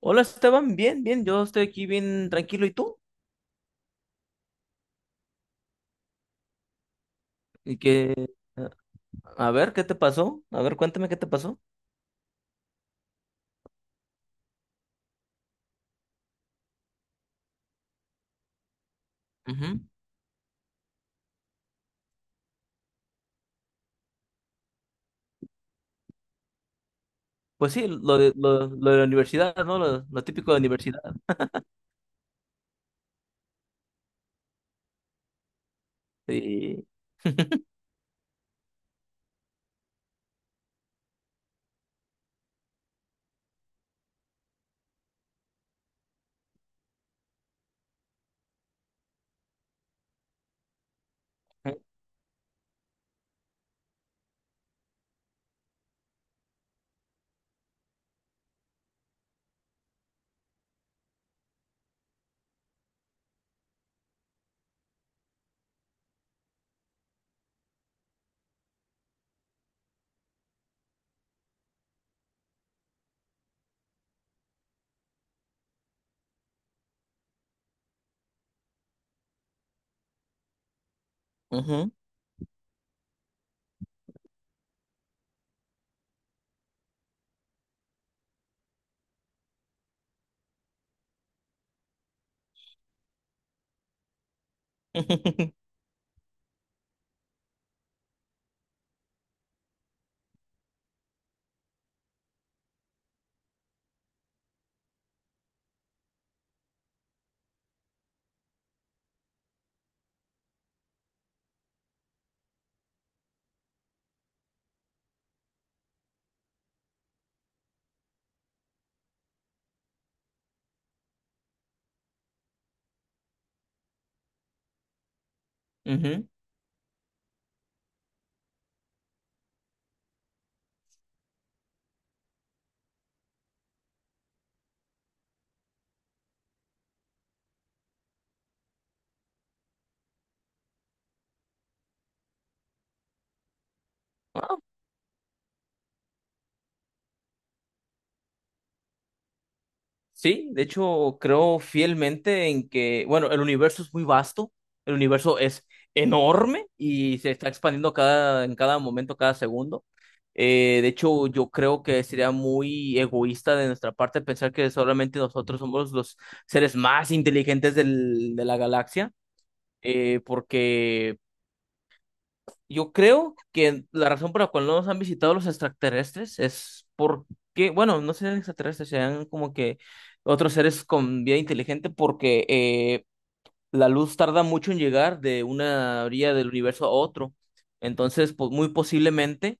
Hola Esteban, bien, bien, yo estoy aquí bien tranquilo. ¿Y tú? ¿Y que eh, A ver, ¿qué te pasó? A ver, cuéntame qué te pasó. Ujú. Pues sí, lo de la universidad, ¿no? Lo típico de la universidad. Sí. Ujú. Ujú. Ah, sí, de hecho, creo fielmente en que, bueno, el universo es muy vasto, el universo es enorme y se está expandiendo en cada momento, cada segundo. De hecho, yo creo que sería muy egoísta de nuestra parte pensar que solamente nosotros somos los seres más inteligentes de la galaxia, porque yo creo que la razón por la cual no nos han visitado los extraterrestres es porque, bueno, no sean extraterrestres, sean como que otros seres con vida inteligente, porque la luz tarda mucho en llegar de una orilla del universo a otro. Entonces, pues, muy posiblemente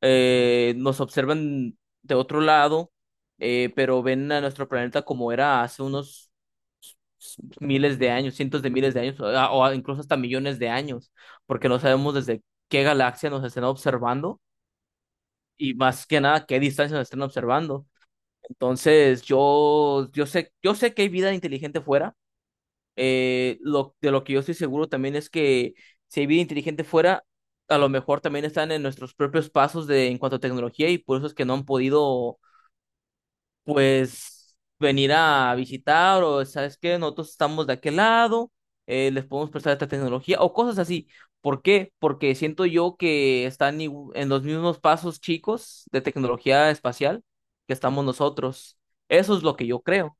nos observan de otro lado, pero ven a nuestro planeta como era hace unos miles de años, cientos de miles de años, o incluso hasta millones de años, porque no sabemos desde qué galaxia nos estén observando y más que nada qué distancia nos estén observando. Entonces, yo sé que hay vida inteligente fuera. De lo que yo estoy seguro también es que si hay vida inteligente fuera, a lo mejor también están en nuestros propios pasos en cuanto a tecnología y por eso es que no han podido pues venir a visitar o sabes que nosotros estamos de aquel lado, les podemos prestar esta tecnología o cosas así. ¿Por qué? Porque siento yo que están en los mismos pasos chicos de tecnología espacial que estamos nosotros. Eso es lo que yo creo.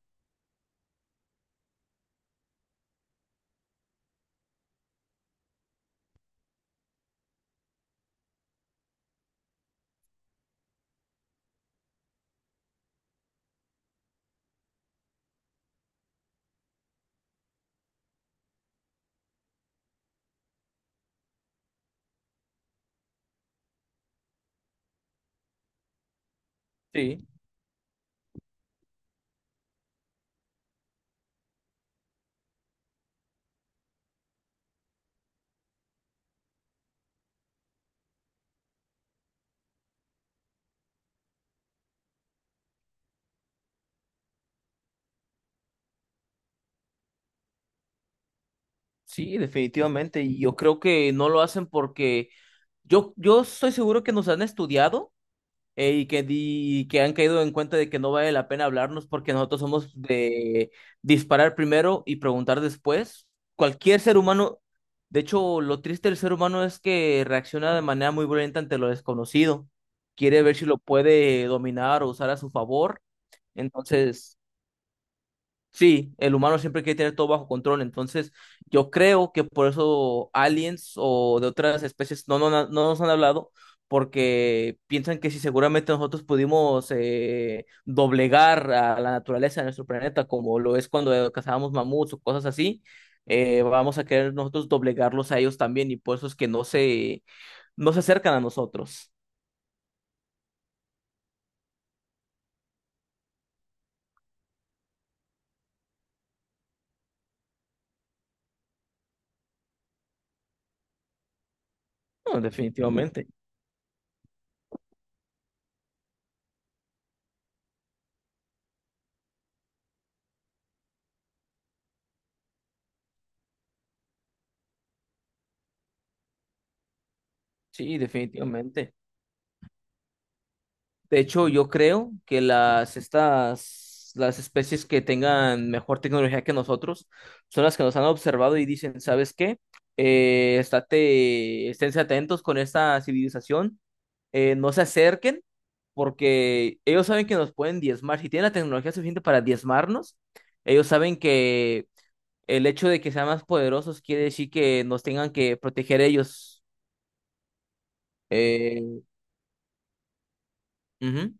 Sí, sí, definitivamente. Y yo creo que no lo hacen porque yo estoy seguro que nos han estudiado y que han caído en cuenta de que no vale la pena hablarnos porque nosotros somos de disparar primero y preguntar después. Cualquier ser humano, de hecho, lo triste del ser humano es que reacciona de manera muy violenta ante lo desconocido. Quiere ver si lo puede dominar o usar a su favor. Entonces... Sí, el humano siempre quiere tener todo bajo control, entonces yo creo que por eso aliens o de otras especies no, no, no nos han hablado, porque piensan que si seguramente nosotros pudimos doblegar a la naturaleza de nuestro planeta, como lo es cuando cazábamos mamuts o cosas así, vamos a querer nosotros doblegarlos a ellos también y por eso es que no se acercan a nosotros. No, definitivamente, sí, definitivamente. De hecho, yo creo que las especies que tengan mejor tecnología que nosotros son las que nos han observado y dicen, ¿sabes qué? Esténse atentos con esta civilización, no se acerquen, porque ellos saben que nos pueden diezmar. Si tienen la tecnología suficiente para diezmarnos, ellos saben que el hecho de que sean más poderosos quiere decir que nos tengan que proteger ellos. Eh, ujú.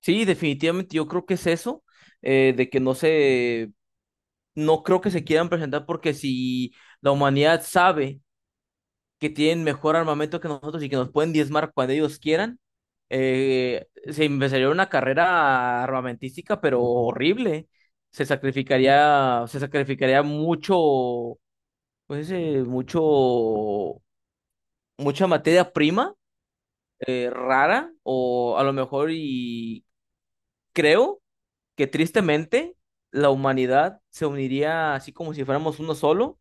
Sí, definitivamente yo creo que es eso, de que no creo que se quieran presentar porque si la humanidad sabe que tienen mejor armamento que nosotros y que nos pueden diezmar cuando ellos quieran, se empezaría una carrera armamentística, pero horrible. Se sacrificaría mucho, pues, mucha materia prima rara o a lo mejor y creo que tristemente la humanidad se uniría así como si fuéramos uno solo,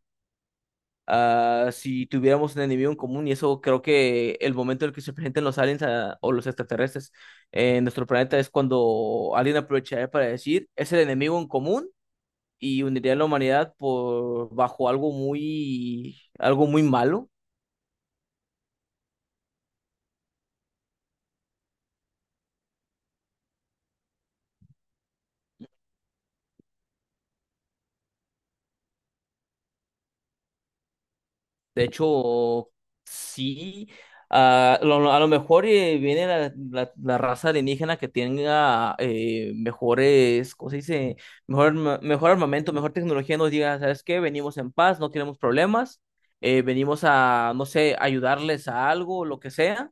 si tuviéramos un enemigo en común, y eso creo que el momento en el que se presenten los aliens o los extraterrestres en nuestro planeta es cuando alguien aprovecharía para decir, es el enemigo en común y uniría a la humanidad por bajo algo muy malo. De hecho, sí. A lo mejor viene la, la raza alienígena que tenga mejores, ¿cómo se dice? Mejor armamento, mejor tecnología. Nos diga, ¿sabes qué? Venimos en paz, no queremos problemas. Venimos a, no sé, ayudarles a algo, lo que sea.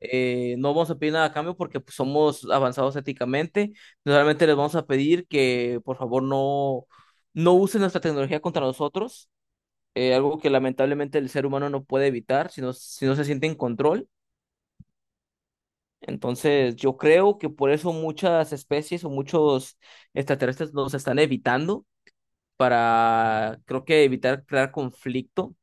No vamos a pedir nada a cambio porque pues, somos avanzados éticamente. Solamente les vamos a pedir que, por favor, no usen nuestra tecnología contra nosotros, algo que lamentablemente el ser humano no puede evitar si no se siente en control. Entonces, yo creo que por eso muchas especies o muchos extraterrestres nos están evitando para, creo que evitar crear conflicto.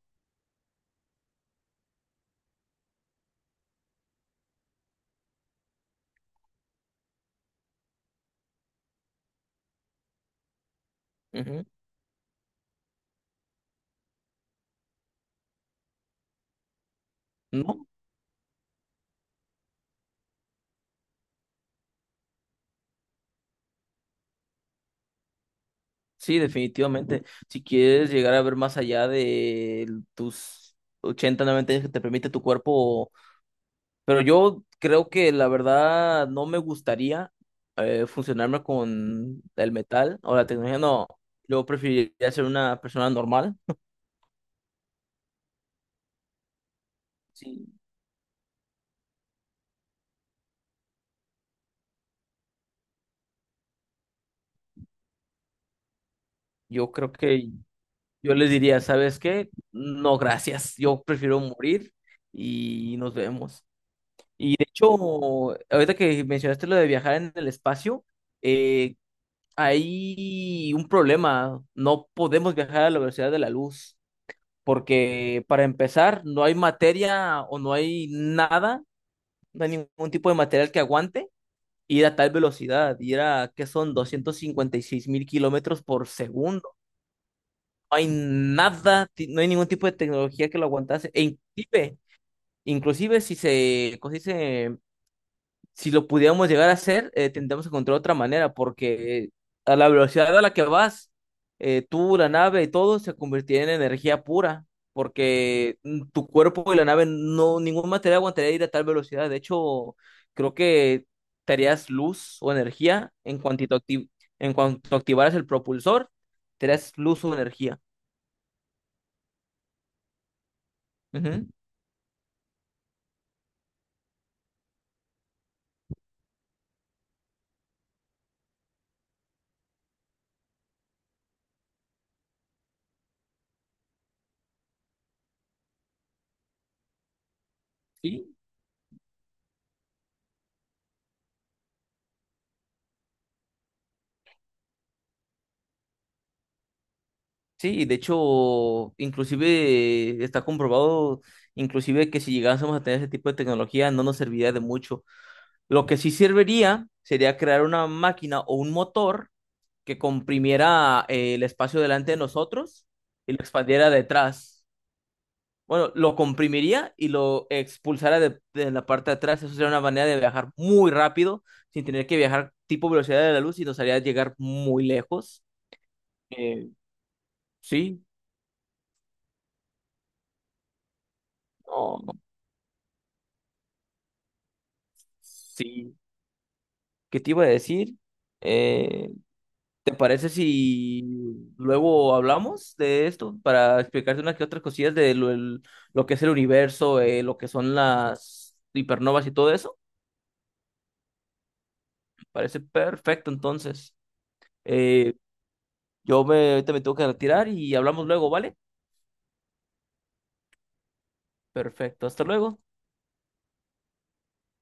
Ujú. ¿No? Sí, definitivamente. Si quieres llegar a ver más allá de tus 80, 90 años que te permite tu cuerpo. Pero yo creo que la verdad no me gustaría funcionarme con el metal o la tecnología. No, yo preferiría ser una persona normal. Sí, yo creo que yo les diría, ¿sabes qué? No, gracias. Yo prefiero morir y nos vemos. Y de hecho, ahorita que mencionaste lo de viajar en el espacio, eh, hay un problema. No podemos viajar a la velocidad de la luz. Porque para empezar no hay materia o no hay nada, no hay ningún tipo de material que aguante ir a tal velocidad, ir a, ¿qué son? 256.000 kilómetros por segundo. No hay nada, no hay ningún tipo de tecnología que lo aguantase. E inclusive si se, ¿cómo se dice? Si lo pudiéramos llegar a hacer, tendríamos que encontrar otra manera, porque a la velocidad a la que vas, tú, la nave y todo se convertiría en energía pura, porque tu cuerpo y la nave, no, ningún material aguantaría ir a tal velocidad. De hecho, creo que te harías luz o energía en cuanto activaras el propulsor, te harías luz o energía. Ujú. Sí, sí, y de hecho, inclusive está comprobado, inclusive que si llegásemos a tener ese tipo de tecnología no nos serviría de mucho. Lo que sí serviría sería crear una máquina o un motor que comprimiera el espacio delante de nosotros y lo expandiera detrás. Bueno, lo comprimiría y lo expulsara de la parte de atrás. Eso sería una manera de viajar muy rápido sin tener que viajar tipo velocidad de la luz y nos haría llegar muy lejos. Eh, sí, no, no. Sí. ¿Qué te iba a decir? Eh, ¿Te parece si luego hablamos de esto para explicarte unas que otras cosillas de lo que es el universo, lo que son las hipernovas y todo eso? Parece perfecto, entonces. Eh, ahorita me tengo que retirar y hablamos luego, ¿vale? Perfecto, hasta luego.